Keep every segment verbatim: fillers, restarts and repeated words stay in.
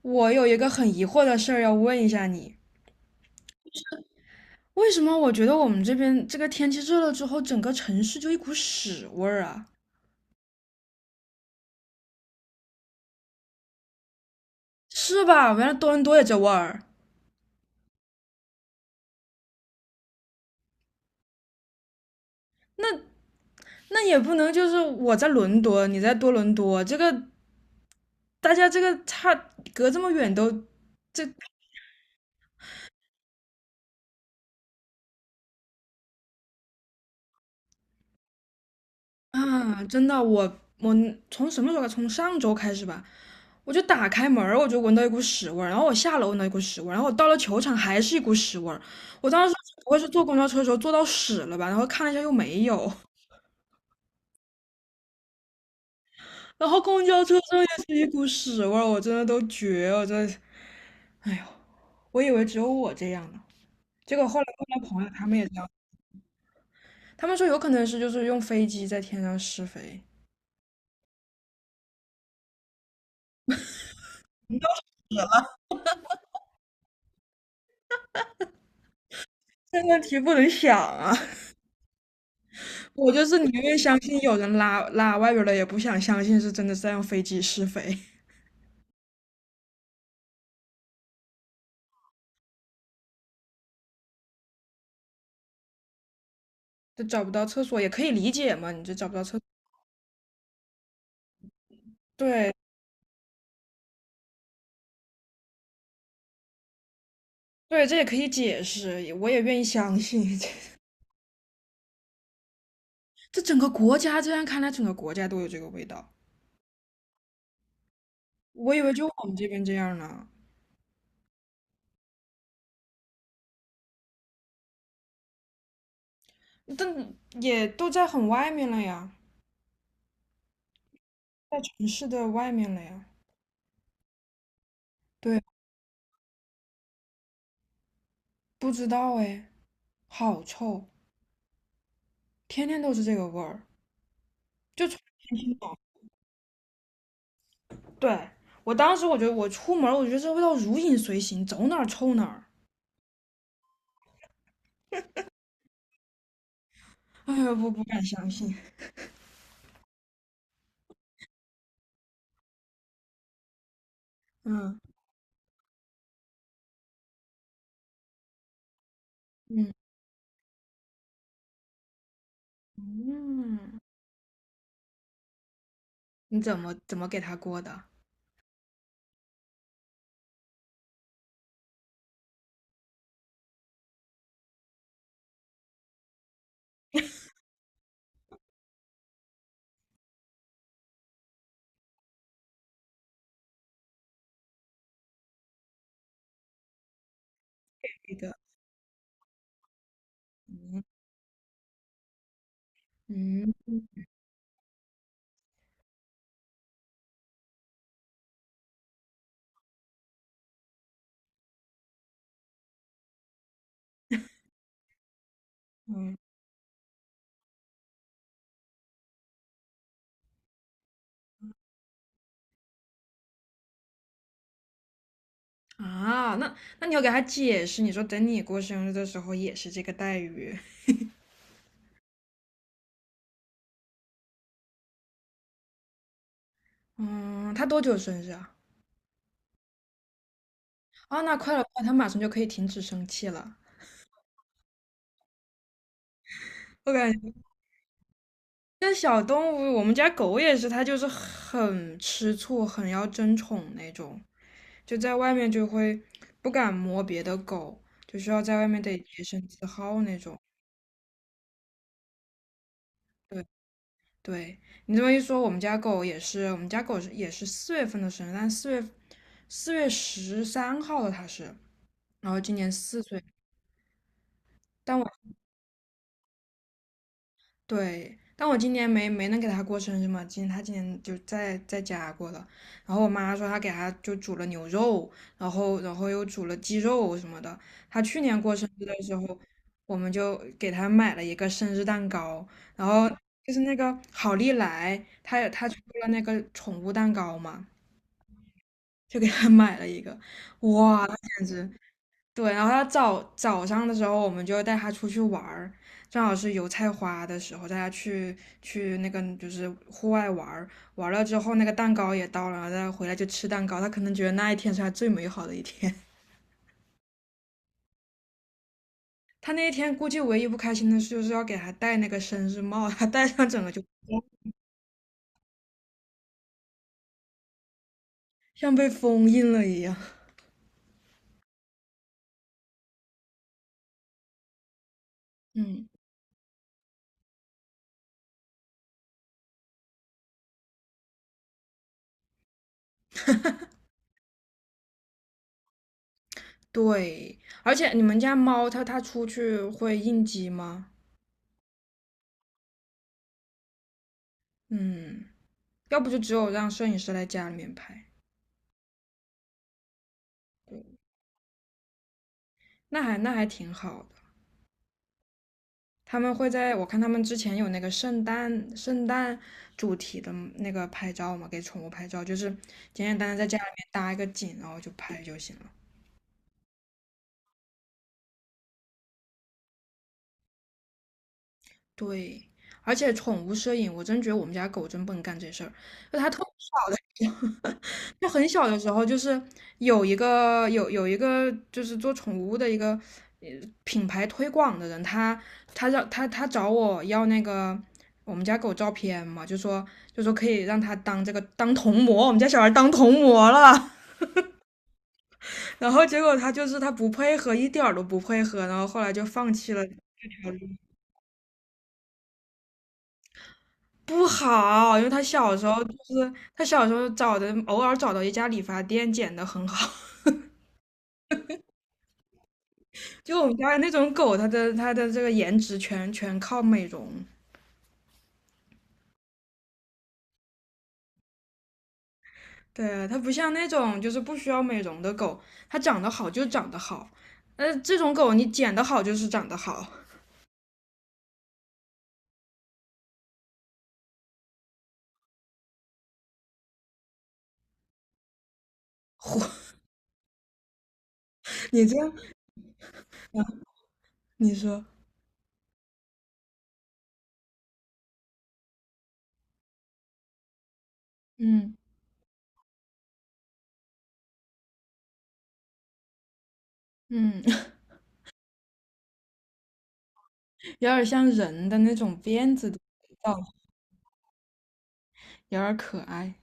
我有一个很疑惑的事儿要问一下你，为什么我觉得我们这边这个天气热了之后，整个城市就一股屎味儿啊？是吧？原来多伦多也这味儿。那那也不能就是我在伦敦，你在多伦多，这个大家这个差隔这么远都，这啊，真的，我我从什么时候开？始？从上周开始吧。我就打开门儿我就闻到一股屎味儿，然后我下楼闻到一股屎味儿，然后我到了球场还是一股屎味儿。我当时不会是坐公交车的时候坐到屎了吧？然后看了一下又没有。然后公交车上也是一股屎味儿，我真的都绝了，我真的。哎呦，我以为只有我这样呢，结果后来问了朋友，他们也这样，他们说有可能是就是用飞机在天上施肥。这问题不能想啊。我就是宁愿相信有人拉拉外边儿了，也不想相信是真的在用飞机试飞。就找不到厕所也可以理解嘛，你这找不到厕所，对对，这也可以解释，我也愿意相信。这整个国家这样看来，整个国家都有这个味道。我以为就我们这边这样呢，但也都在很外面了呀，在城市的外面了呀。对，不知道哎，好臭，天天都是这个味儿，就从天听到对我当时我觉得我出门我觉得这味道如影随形，走哪儿臭哪儿。哎呀，我不敢相信。嗯嗯嗯，你怎么怎么给他过的？给的。嗯嗯嗯啊，那那你要给他解释，你说等你过生日的时候也是这个待遇。嗯，他多久生日啊？啊，那快了，快，他马上就可以停止生气了。我感觉这小动物，我们家狗也是，它就是很吃醋，很要争宠那种。就在外面就会不敢摸别的狗，就需要在外面得洁身自好那种。对对，你这么一说，我们家狗也是，我们家狗是也是四月份的生日，但四月四月十三号的它是，然后今年四岁。但我。对，但我今年没没能给他过生日嘛，今他今年就在在家过了。然后我妈说她给他就煮了牛肉，然后然后又煮了鸡肉什么的。他去年过生日的时候，我们就给他买了一个生日蛋糕，然后就是那个好利来，他也他出了那个宠物蛋糕嘛，就给他买了一个，哇，他简直对，然后他早早上的时候，我们就带他出去玩儿，正好是油菜花的时候，带他去去那个就是户外玩儿，玩了之后那个蛋糕也到了，然后他回来就吃蛋糕，他可能觉得那一天是他最美好的一天。他那一天估计唯一不开心的事就是要给他戴那个生日帽，他戴上整个就像被封印了一样。嗯，对，而且你们家猫它它出去会应激吗？嗯，要不就只有让摄影师来家里面拍。那还那还挺好的。他们会在我看他们之前有那个圣诞圣诞主题的那个拍照嘛，给宠物拍照，就是简简单单在家里面搭一个景，然后就拍就行了。对，而且宠物摄影，我真觉得我们家狗真不能干这事儿。就它特别小的时候，它很小的时候，就是有一个有有一个就是做宠物的一个呃品牌推广的人，他他让他他找我要那个我们家狗照片嘛，就说就说可以让他当这个当童模，我们家小孩当童模了。然后结果他就是他不配合，一点儿都不配合，然后后来就放弃了。不好，因为他小时候就是他小时候找的，偶尔找到一家理发店剪的很好。就我们家那种狗，它的它的这个颜值全全靠美容。对啊，它不像那种就是不需要美容的狗，它长得好就长得好。呃，这种狗你剪得好就是长得好。嚯，你这样，啊你说，嗯嗯，有点像人的那种辫子的味道，有点可爱。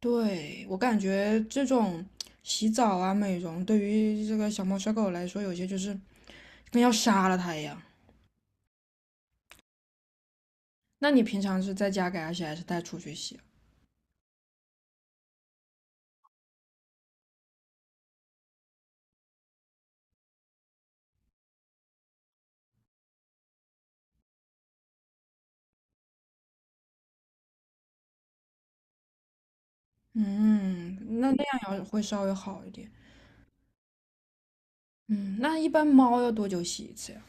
对，我感觉这种洗澡啊、美容，对于这个小猫小狗来说，有些就是跟要杀了它一样。那你平常是在家给它洗，还是带出去洗？嗯，那那样要会稍微好一点。嗯，那一般猫要多久洗一次呀？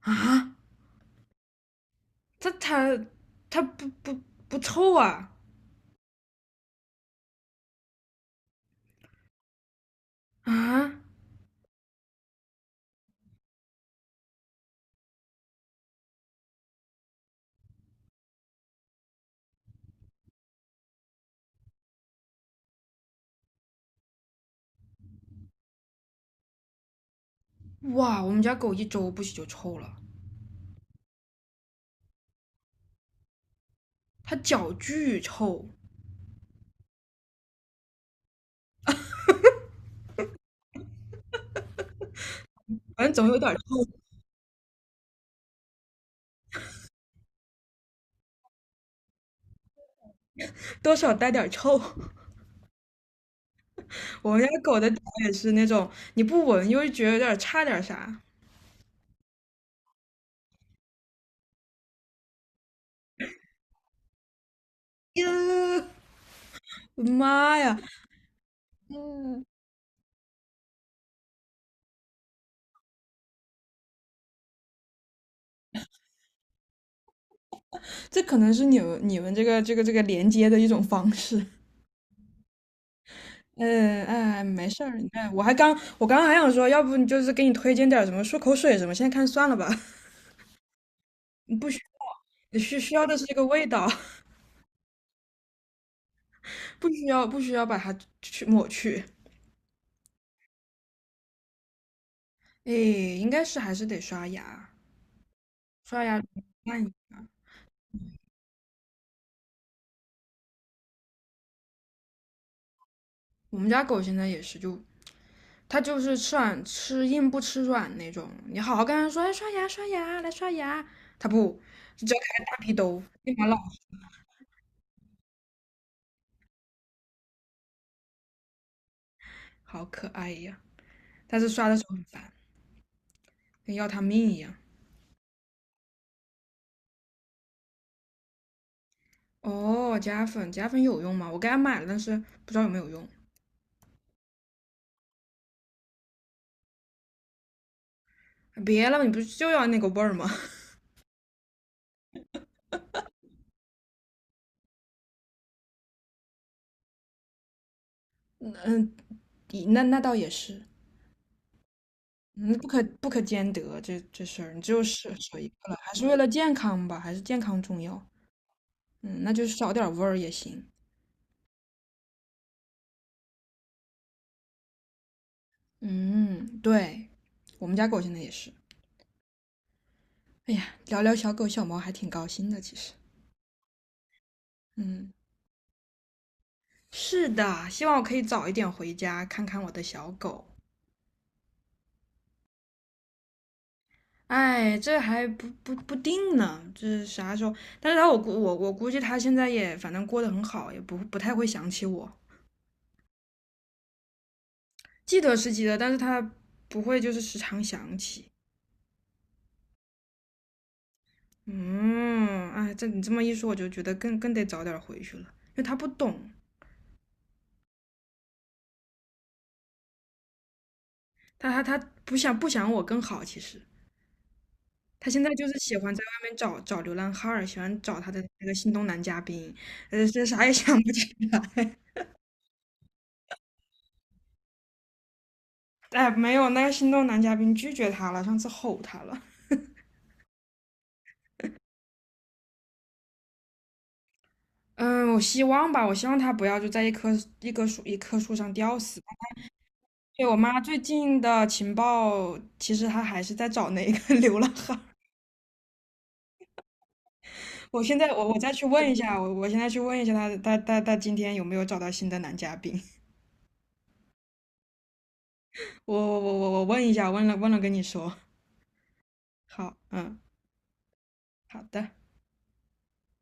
啊，它它它不不不臭啊？啊，哇，我们家狗一周不洗就臭了，它脚巨臭，反正总有点臭，多少带点臭。我们家狗的脚也是那种，你不闻又觉得有点差点啥。呀，我的妈呀！嗯，这可能是你们你们这个这个这个连接的一种方式。嗯，哎，没事儿。哎，我还刚我刚刚还想说，要不你就是给你推荐点儿什么漱口水什么，现在看算了吧。不需要，需需要的是这个味道。不需要不需要把它去抹去。哎，应该是还是得刷牙，刷牙那一。我们家狗现在也是，就他就是吃软吃硬不吃软那种。你好好跟他说，哎，刷牙刷牙，来刷牙，他不，只要开大屁兜，立马老好可爱呀。但是刷的时候很烦，跟要他命一样。哦，夹粉夹粉有用吗？我给他买了，但是不知道有没有用。别了，你不是就要那个味儿吗？嗯，那那倒也是。嗯，不可不可兼得这这事儿，你只有舍舍一个了，还是为了健康吧，还是健康重要。嗯，那就少点味儿也行。嗯，对，我们家狗现在也是。哎呀，聊聊小狗小猫还挺高兴的，其实。嗯，是的，希望我可以早一点回家看看我的小狗。哎，这还不不不定呢，这啥时候？但是他我估我我估计他现在也反正过得很好，也不不太会想起我，记得是记得，但是他不会就是时常想起。嗯，哎，这你这么一说，我就觉得更更得早点回去了，因为他不懂，他他他不想不想我更好，其实。他现在就是喜欢在外面找找流浪汉儿，喜欢找他的那个心动男嘉宾，呃，这啥也想不起。哎，没有，那个心动男嘉宾拒绝他了，上次吼他了。嗯，我希望吧，我希望他不要就在一棵一棵树一棵树上吊死。对，我妈最近的情报，其实她还是在找那个 流浪汉。我现在我我再去问一下，我我现在去问一下他他他他今天有没有找到新的男嘉宾？我我我我我问一下，问了问了跟你说。好，嗯，好的。